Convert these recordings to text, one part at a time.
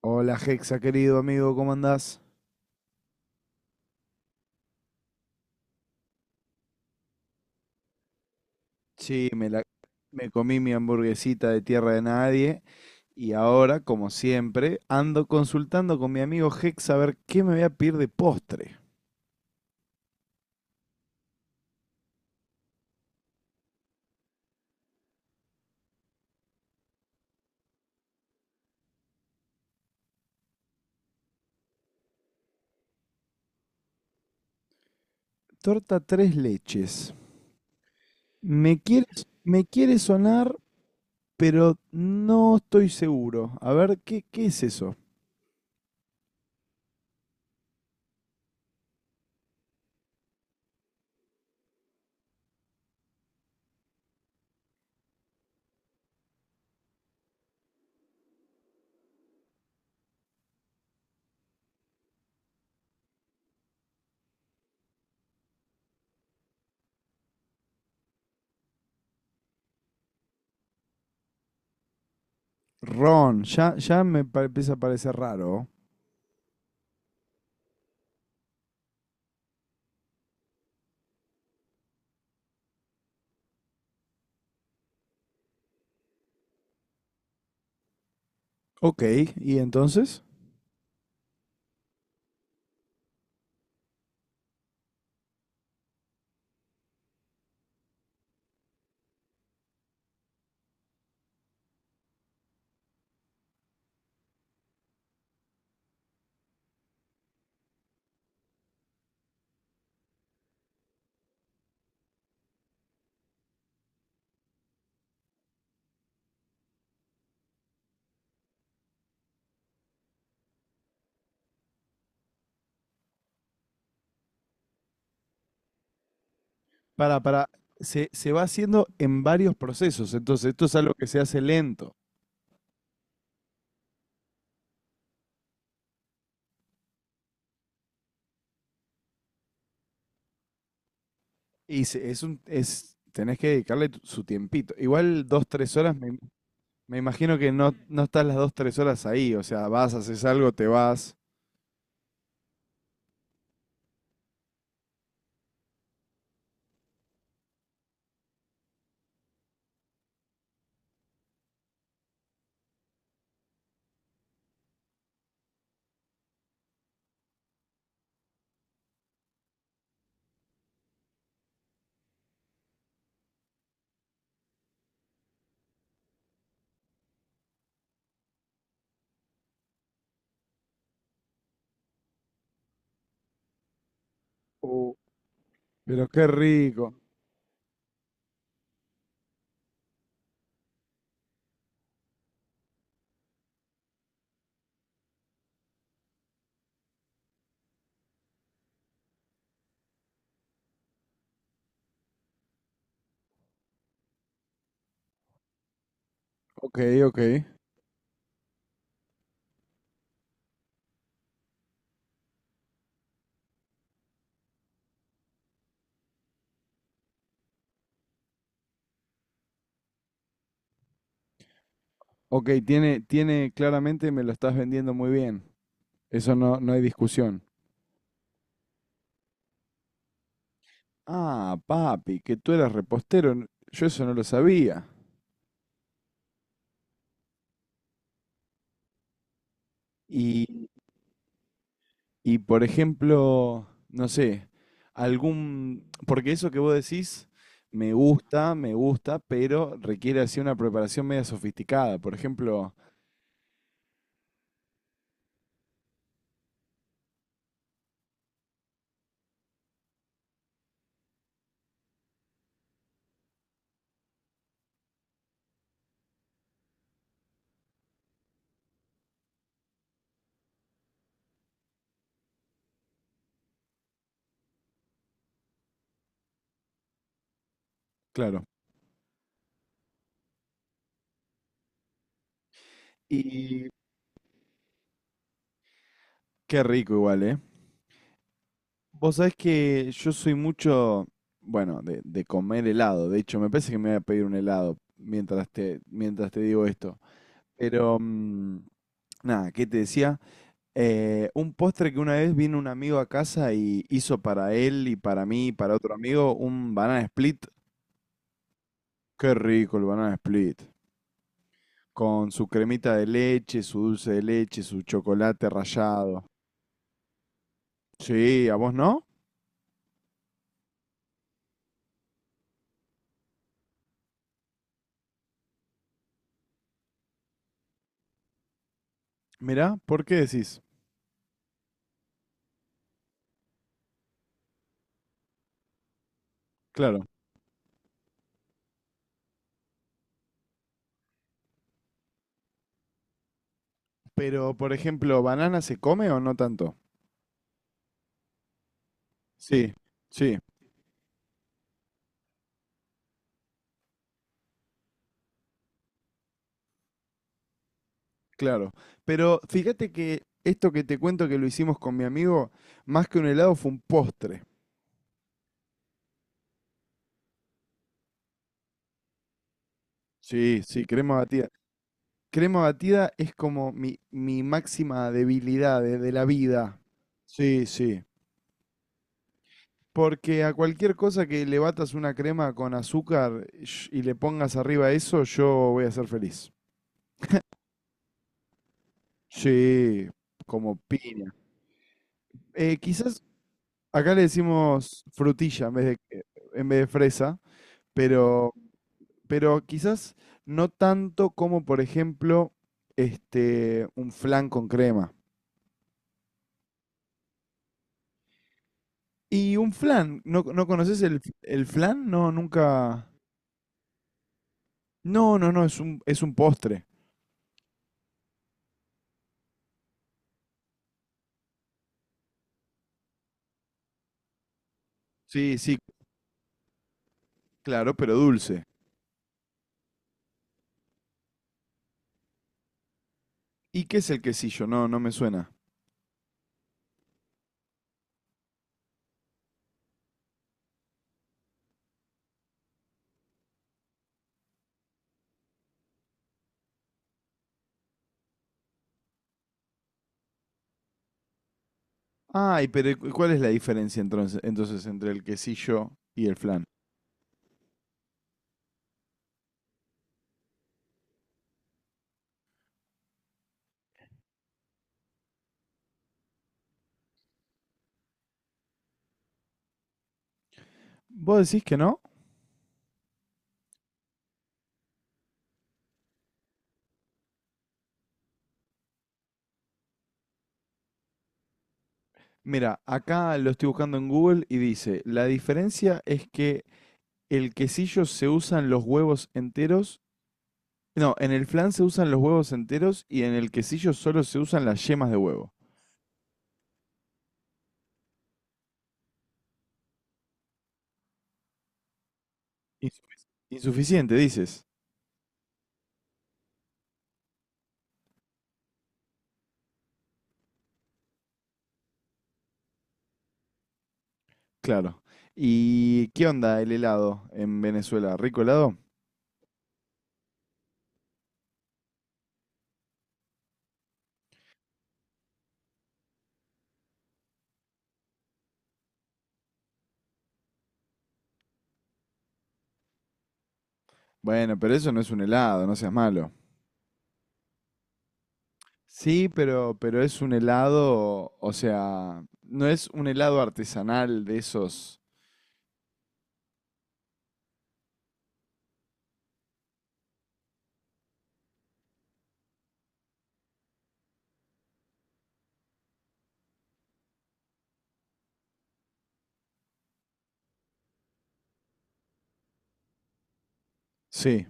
Hola Hexa, querido amigo, ¿cómo andás? Sí, me comí mi hamburguesita de tierra de nadie y ahora, como siempre, ando consultando con mi amigo Hexa a ver qué me voy a pedir de postre. Torta tres leches. Me quiere, me quiere sonar, pero no estoy seguro. A ver, ¿ qué es eso? Ron, ya, ya empieza a parecer raro. Ok, ¿y entonces? Para, se va haciendo en varios procesos, entonces esto es algo que se hace lento y tenés que dedicarle su tiempito. Igual 2, 3 horas, me imagino que no, no estás las 2, 3 horas ahí, o sea, vas, haces algo, te vas. Oh, pero qué rico. Ok, ok. Ok, tiene, claramente me lo estás vendiendo muy bien. Eso no, no hay discusión. Ah, papi, que tú eras repostero. Yo eso no lo sabía. Y Y por ejemplo, no sé, algún, porque eso que vos decís me gusta, pero requiere así una preparación media sofisticada. Por ejemplo, claro. Y qué rico igual, ¿eh? Vos sabés que yo soy mucho, bueno, de comer helado. De hecho, me parece que me voy a pedir un helado mientras te digo esto. Pero, nada, ¿qué te decía? Un postre que una vez vino un amigo a casa y hizo para él y para mí y para otro amigo un banana split. Qué rico el banana split. Con su cremita de leche, su dulce de leche, su chocolate rallado. Sí, ¿a vos no? Mirá, ¿por qué decís? Claro. Pero, por ejemplo, ¿banana se come o no tanto? Sí, sí, claro. Pero fíjate que esto que te cuento que lo hicimos con mi amigo, más que un helado fue un postre. Sí, sí, crema batida. Crema batida es como mi máxima debilidad de la vida. Sí, sí. Porque a cualquier cosa que le batas una crema con azúcar y le pongas arriba eso, yo voy a ser feliz. Sí, como piña. Quizás acá le decimos frutilla en vez en vez de fresa, pero, quizás no tanto como, por ejemplo, un flan con crema. Y un flan, ¿no, no conoces el flan? No, nunca. No, no, no, es un postre. Sí, sí, claro, pero dulce. ¿Y qué es el quesillo? No, no me suena. Ay, pero ¿y ¿cuál es la diferencia entonces entre el quesillo y el flan? ¿Vos decís que no? Mira, acá lo estoy buscando en Google y dice, la diferencia es que el quesillo se usan los huevos enteros. No, en el flan se usan los huevos enteros y en el quesillo solo se usan las yemas de huevo. Insuficiente, dices. Claro. ¿Y qué onda el helado en Venezuela? ¿Rico helado? Bueno, pero eso no es un helado, no seas malo. Sí, pero es un helado, o sea, no es un helado artesanal de esos. Sí.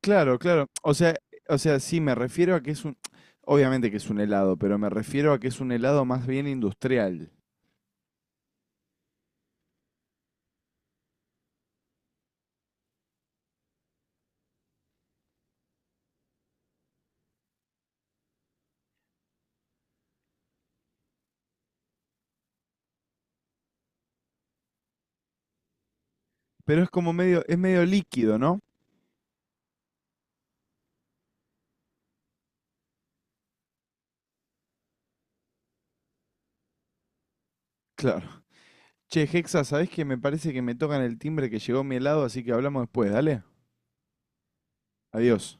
Claro, claro. O sea, sí, me refiero a que obviamente que es un helado, pero me refiero a que es un helado más bien industrial. Pero es como es medio líquido, ¿no? Che, Hexa, ¿sabés que me parece que me tocan el timbre que llegó mi helado, así que hablamos después, dale? Adiós.